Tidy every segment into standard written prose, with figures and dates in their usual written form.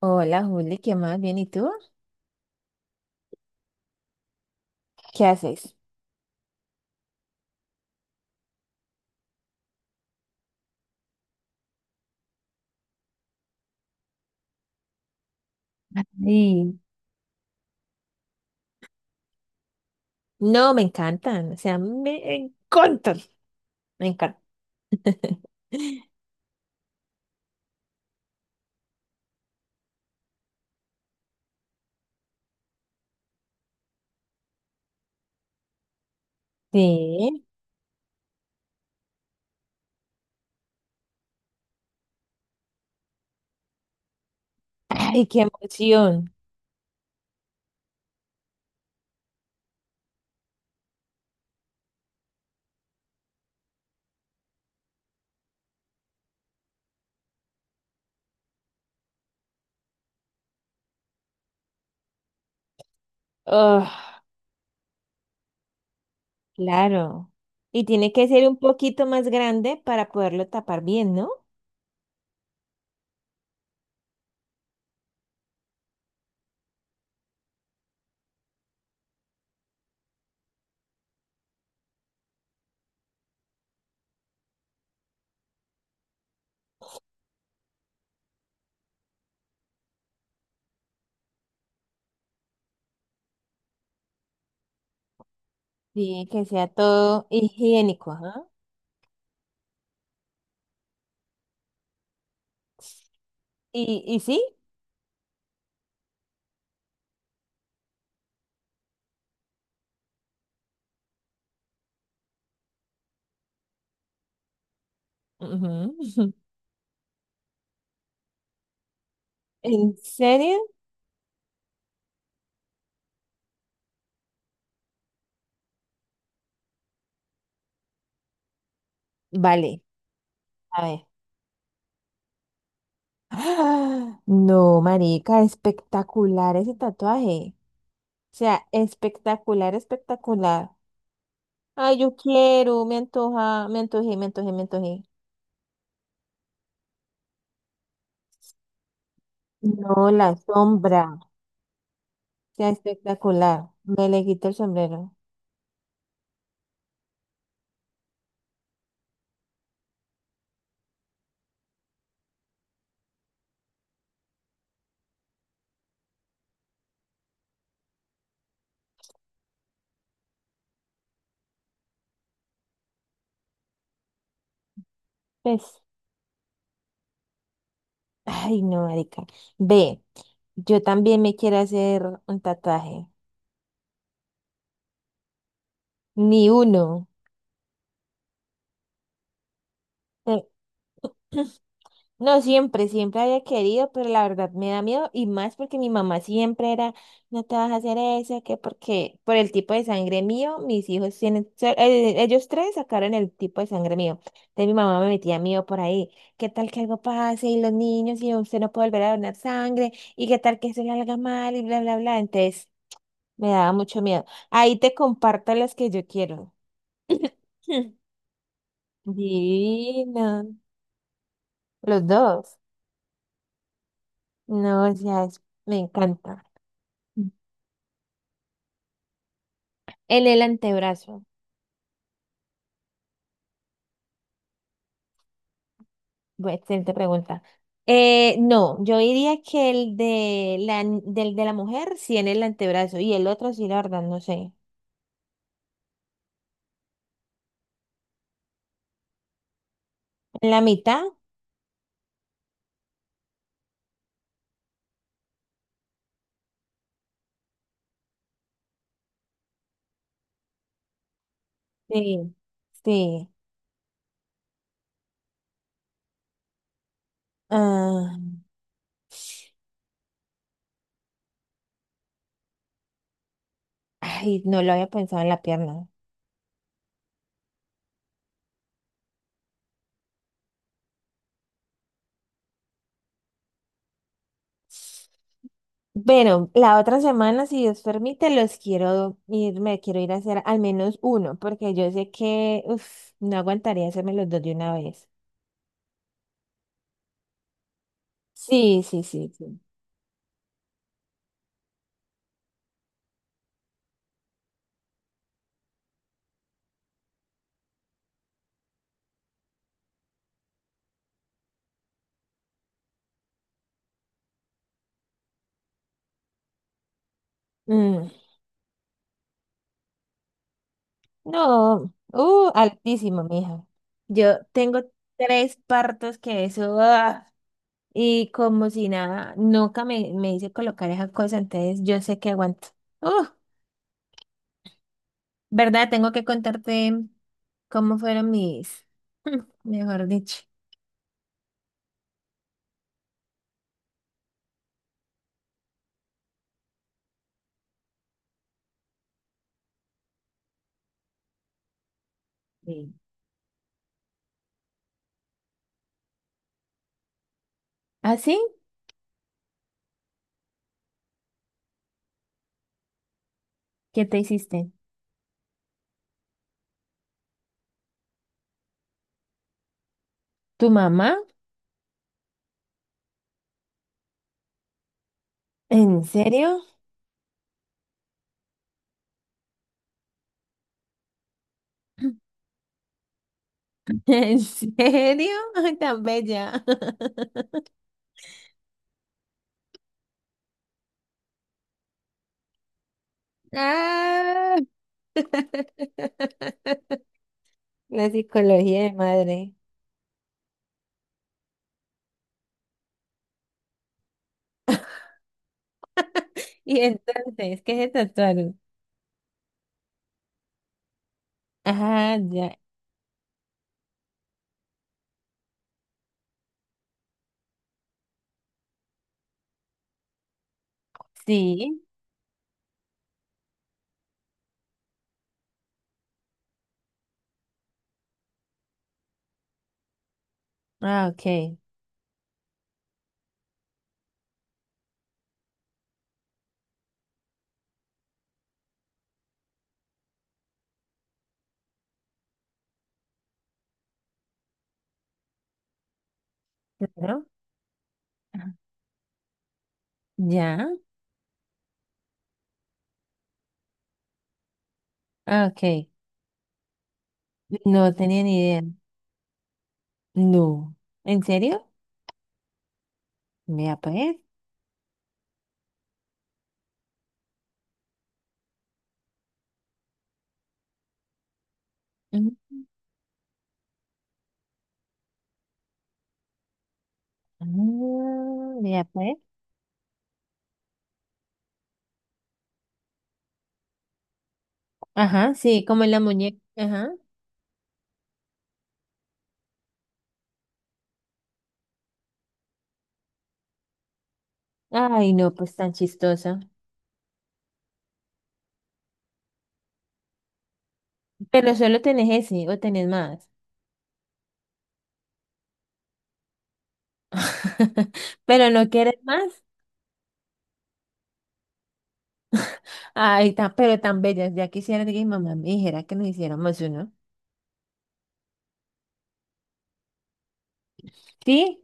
Hola, Juli, ¿qué más? Bien, ¿y tú? ¿Qué haces? Y No, me encantan, o sea, me encantan. Sí, ay, qué emoción. Oh, claro. Y tiene que ser un poquito más grande para poderlo tapar bien, ¿no? Sí, que sea todo higiénico, ajá. Y sí? Ujú. ¿En serio? Vale, a ver. ¡Ah! No, marica, espectacular ese tatuaje. O sea, espectacular, espectacular. Ay, yo quiero, me antoja, me antojé. No, la sombra. O sea, espectacular. Me le quito el sombrero. Pues, ay, no, marica. Ve, yo también me quiero hacer un tatuaje. Ni uno. Eh, No, siempre había querido, pero la verdad me da miedo y más porque mi mamá siempre era, no te vas a hacer eso, que porque por el tipo de sangre mío, mis hijos tienen, ellos tres sacaron el tipo de sangre mío. Entonces mi mamá me metía miedo por ahí, ¿qué tal que algo pase y los niños y usted no puede volver a donar sangre y qué tal que se le haga mal y bla, bla, bla? Entonces me daba mucho miedo. Ahí te comparto las que yo quiero. Divino. Los dos. No, o sea, me encanta. En el antebrazo. Bueno, excelente pregunta. No, yo diría que el del de la mujer sí en el antebrazo y el otro sí, la verdad, no sé. ¿En la mitad? Sí, sí. Ah, ay, no lo había pensado en la pierna. Bueno, la otra semana, si Dios permite, me quiero ir a hacer al menos uno, porque yo sé que uf, no aguantaría hacerme los dos de una vez. Sí, sí, sí, sí. Mm. No, altísimo, mija. Yo tengo tres partos que eso, ah, y como si nada, nunca me, me hice colocar esa cosa, entonces yo sé que aguanto. Uh, ¿Verdad? Tengo que contarte cómo fueron mis, mejor dicho. Sí. ¿Así? ¿Qué te hiciste? ¿Tu mamá? ¿En serio? ¿En serio? Ay, tan bella. Ah, la psicología de madre. Y entonces, ¿qué se tatuaron? Ah, ya. Sí. Ah, ok. Claro. Ajá. Ya. Ah, ok. No tenía ni idea. No. ¿En serio? Mira, pues. Ujú. Ah, mira, pues. Ajá, sí, como en la muñeca, ajá. Ay, no, pues tan chistosa. Pero solo tenés ese, o tenés más. Pero no quieres más. Ay, tan, pero tan bellas. Ya quisiera que mi mamá me dijera que nos hiciéramos uno. ¿Sí?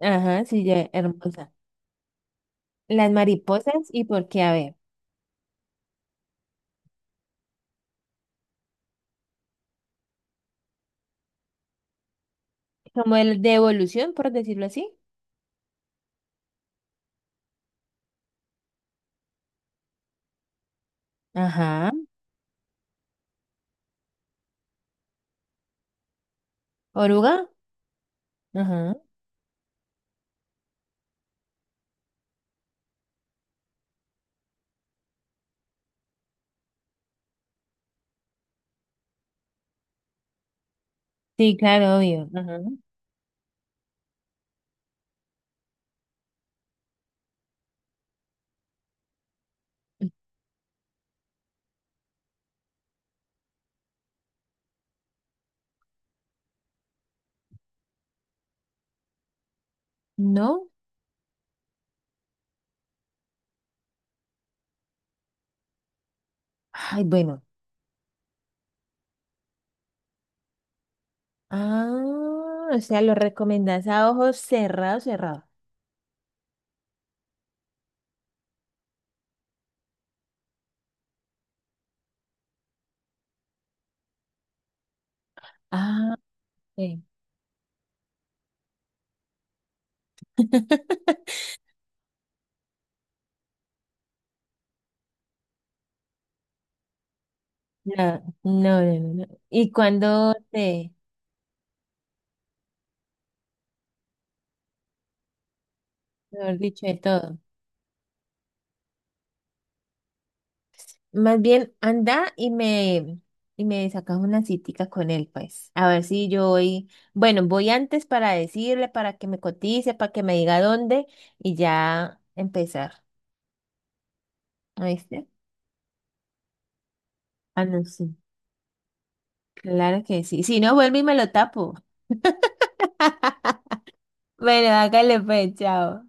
Ajá, sí, ya, hermosa. Las mariposas y por qué, a ver, como el de evolución, por decirlo así. Ajá. Oruga. Ajá. Sí, claro, obvio, ajá. No. Ay, bueno. Ah, o sea, lo recomendás a ojos cerrados, cerrados. Ah, ok. No, no, no, no, no. ¿Y cuando te, mejor dicho, de todo? Más bien, y me sacas una citica con él, pues. A ver si yo voy. Bueno, voy antes para decirle, para que me cotice, para que me diga dónde y ya empezar. ¿Oíste? Ah, no, sí. Claro que sí. Si no, vuelvo y me lo tapo. Bueno, hágale pues, chao.